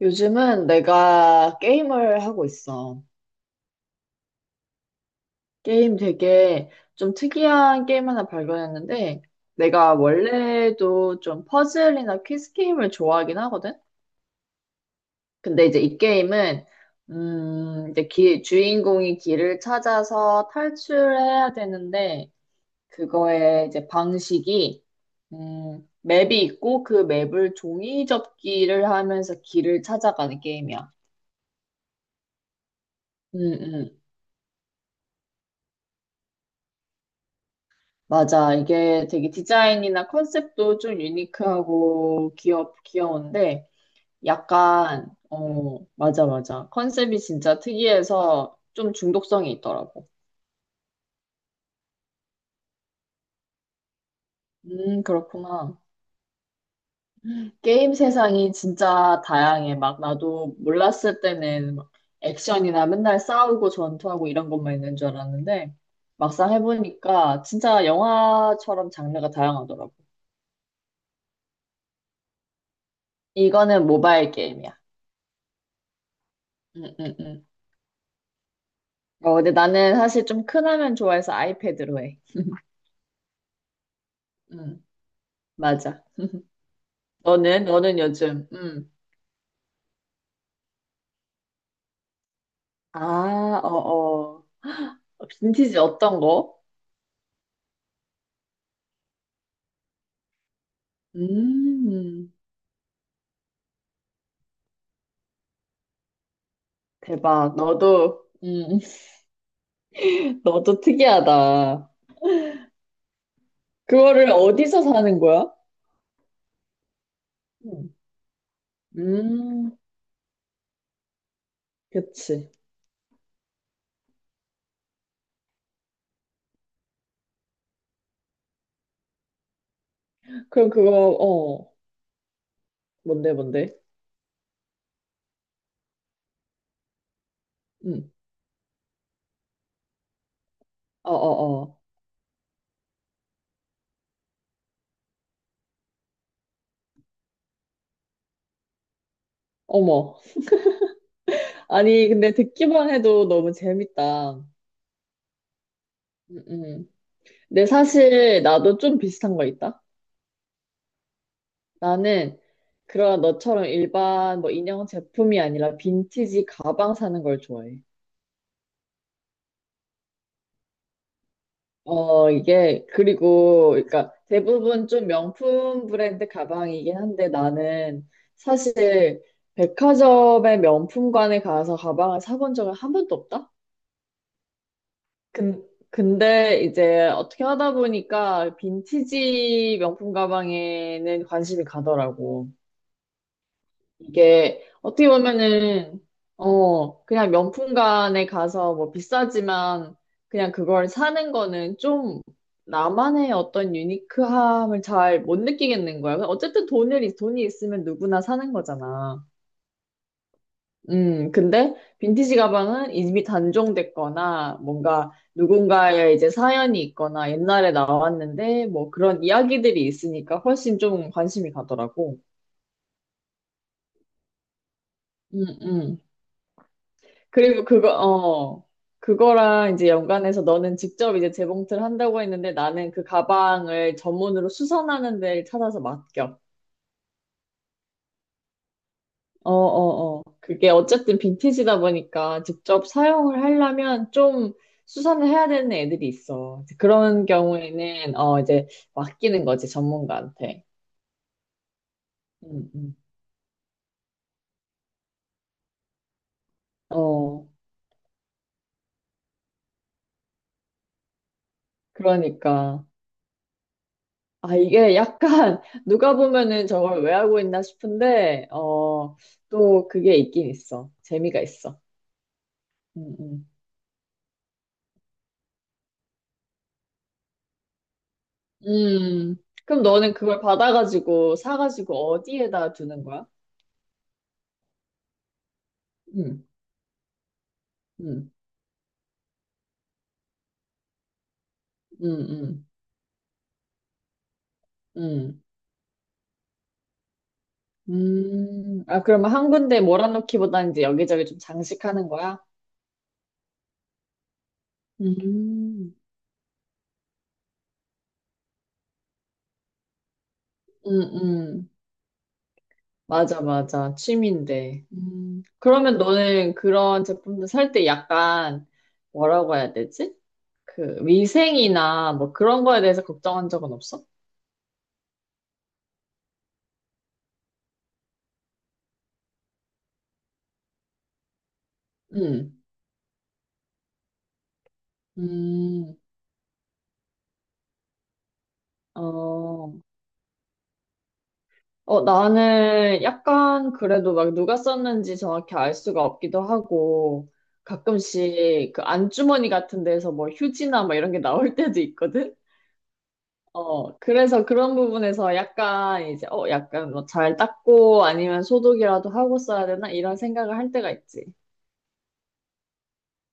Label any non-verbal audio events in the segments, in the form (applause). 요즘은 내가 게임을 하고 있어. 게임 되게 좀 특이한 게임 하나 발견했는데, 내가 원래도 좀 퍼즐이나 퀴즈 게임을 좋아하긴 하거든? 근데 이제 이 게임은, 이제 주인공이 길을 찾아서 탈출해야 되는데, 그거의 이제 방식이, 맵이 있고 그 맵을 종이 접기를 하면서 길을 찾아가는 게임이야. 음, 음. 맞아. 이게 되게 디자인이나 컨셉도 좀 유니크하고 귀여운데, 약간, 어, 맞아, 맞아. 컨셉이 진짜 특이해서 좀 중독성이 있더라고. 그렇구나. 게임 세상이 진짜 다양해. 막 나도 몰랐을 때는 막 액션이나 맨날 싸우고 전투하고 이런 것만 있는 줄 알았는데, 막상 해보니까 진짜 영화처럼 장르가 다양하더라고. 이거는 모바일 게임이야. 응, 응, 응. 어, 근데 나는 사실 좀 큰 화면 좋아해서 아이패드로 해. 응. 맞아. 너는? 너는 요즘? 응. 아, 어어. 빈티지 어떤 거? 음. 대박. 너도. (laughs) 너도 특이하다. 그거를 어디서 사는 거야? 음. 음. 그치. 그럼 그거, 어, 뭔데, 뭔데? 음. 어어어. 어머. 아니, 근데 듣기만 해도 너무 재밌다. 음. 음. 근데 사실 나도 좀 비슷한 거 있다. 나는 그런 너처럼 일반 뭐 인형 제품이 아니라 빈티지 가방 사는 걸 좋아해. 어, 이게 그리고 그러니까 대부분 좀 명품 브랜드 가방이긴 한데 나는 사실 백화점의 명품관에 가서 가방을 사본 적은 한 번도 없다. 근, 근데 이제 어떻게 하다 보니까 빈티지 명품 가방에는 관심이 가더라고. 이게 어떻게 보면은 어 그냥 명품관에 가서 뭐 비싸지만 그냥 그걸 사는 거는 좀 나만의 어떤 유니크함을 잘 못 느끼겠는 거야. 그러니까 어쨌든 돈을 돈이 있으면 누구나 사는 거잖아. 근데 빈티지 가방은 이미 단종됐거나 뭔가 누군가의 이제 사연이 있거나 옛날에 나왔는데 뭐 그런 이야기들이 있으니까 훨씬 좀 관심이 가더라고. 음, 음. 그리고 그거, 어, 그거랑 이제 연관해서 너는 직접 이제 재봉틀 한다고 했는데 나는 그 가방을 전문으로 수선하는 데를 찾아서 맡겨. 어, 어, 어. 그게 어쨌든 빈티지다 보니까 직접 사용을 하려면 좀 수선을 해야 되는 애들이 있어. 이제 그런 경우에는, 어, 이제 맡기는 거지, 전문가한테. 음, 음. 어, 그러니까. 아, 이게 약간 (laughs) 누가 보면은 저걸 왜 하고 있나 싶은데, 어, 또 그게 있긴 있어. 재미가 있어. 음, 음. 음, 그럼 너는 그걸 받아가지고, 사가지고 어디에다 두는 거야? 음, 음, 음, 음, 음. 아, 그러면 한 군데 몰아놓기보다는 이제 여기저기 좀 장식하는 거야? 음, 음, 음. 맞아, 맞아. 취미인데. 음. 그러면 너는 그런 제품들 살 때 약간 뭐라고 해야 되지? 그 위생이나 뭐 그런 거에 대해서 걱정한 적은 없어? 응. 음, 어, 어, 나는 약간 그래도 막 누가 썼는지 정확히 알 수가 없기도 하고 가끔씩 그 안주머니 같은 데서 뭐 휴지나 뭐 이런 게 나올 때도 있거든? 어, 그래서 그런 부분에서 약간 이제 어, 약간 뭐 잘 닦고 아니면 소독이라도 하고 써야 되나 이런 생각을 할 때가 있지.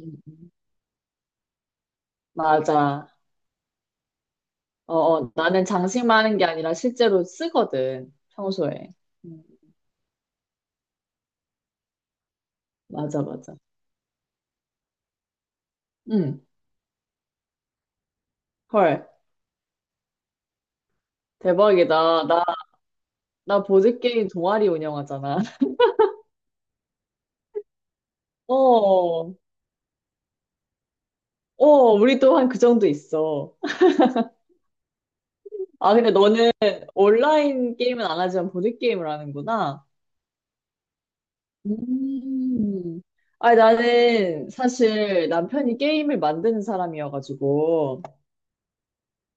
음, 음. 맞아. 어, 어, 나는 장식만 하는 게 아니라 실제로 쓰거든, 평소에. 음, 맞아, 맞아. 응, 헐, 대박이다. 나, 나 보드게임 동아리 운영하잖아. (laughs) 어, 어, 우리 또 한 그 정도 있어. 아, 근데 너는 온라인 게임은 안 하지만 보드게임을 하는구나. 음. 아니, 나는 사실 남편이 게임을 만드는 사람이어가지고,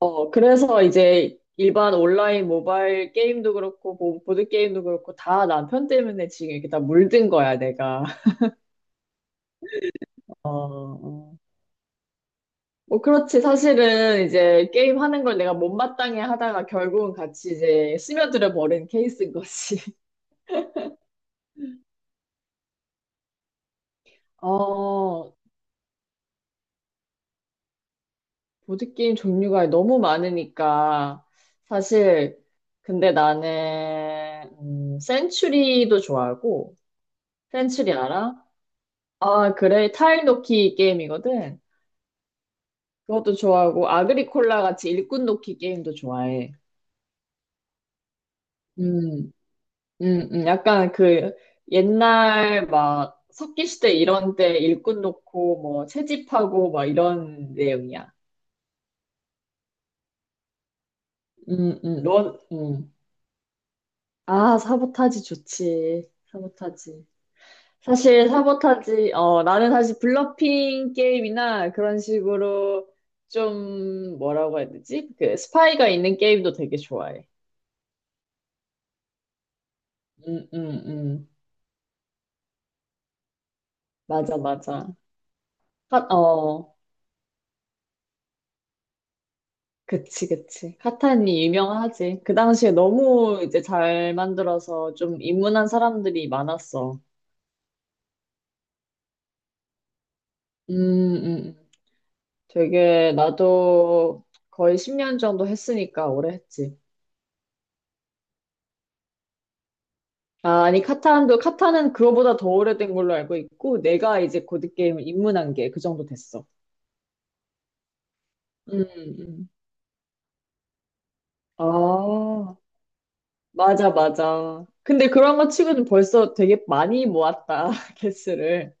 어, 그래서 이제 일반 온라인 모바일 게임도 그렇고, 보드 게임도 그렇고, 다 남편 때문에 지금 이렇게 다 물든 거야, 내가. (laughs) 어, 어. 뭐 그렇지. 사실은 이제 게임 하는 걸 내가 못마땅해 하다가 결국은 같이 이제 스며들어 버린 케이스인 거지. (laughs) 어, 보드 게임 종류가 너무 많으니까, 사실, 근데 나는, 센츄리도 좋아하고, 센츄리 알아? 아, 그래. 타일 놓기 게임이거든. 그것도 좋아하고 아그리콜라 같이 일꾼 돕기 게임도 좋아해. 음, 약간 그 옛날 막 석기시대 이런 때 일꾼 놓고 뭐 채집하고 막 이런 내용이야. 넌, 아, 사보타지 좋지. 사보타지. 사실 사보타지, 어, 나는 사실 블러핑 게임이나 그런 식으로 좀 뭐라고 해야 되지? 그 스파이가 있는 게임도 되게 좋아해. 음, 음, 음. 맞아, 맞아. 어, 그치, 그치. 카타니 유명하지. 그 당시에 너무 이제 잘 만들어서 좀 입문한 사람들이 많았어. 음. 되게 나도 거의 10년 정도 했으니까 오래 했지. 아, 아니, 카타는 그거보다 더 오래된 걸로 알고 있고, 내가 이제 보드게임을 입문한 게 그 정도 됐어. 음, 음. 아, 맞아, 맞아. 근데 그런 거 치고는 벌써 되게 많이 모았다, (laughs) 개수를.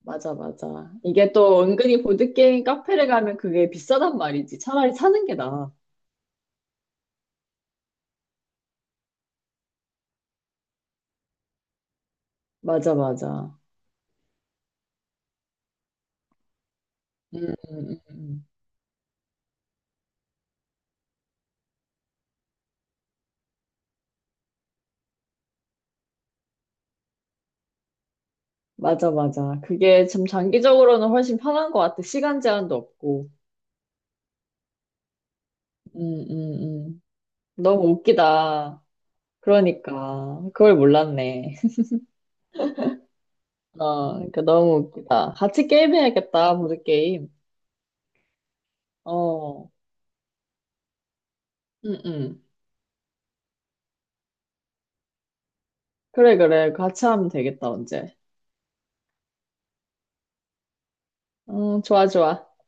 맞아, 맞아. 이게 또 은근히 보드게임 카페를 가면 그게 비싸단 말이지. 차라리 사는 게 나아. 맞아, 맞아. 음, 음. 맞아, 맞아. 그게 참 장기적으로는 훨씬 편한 것 같아. 시간 제한도 없고. 음, 음, 음. 너무 웃기다. 그러니까. 그걸 몰랐네. (laughs) 어, 그러니까 너무 웃기다. 같이 게임해야겠다, 보드게임. 어, 음, 음. 그래, 그래. 같이 하면 되겠다, 언제. 어, 좋아, 좋아.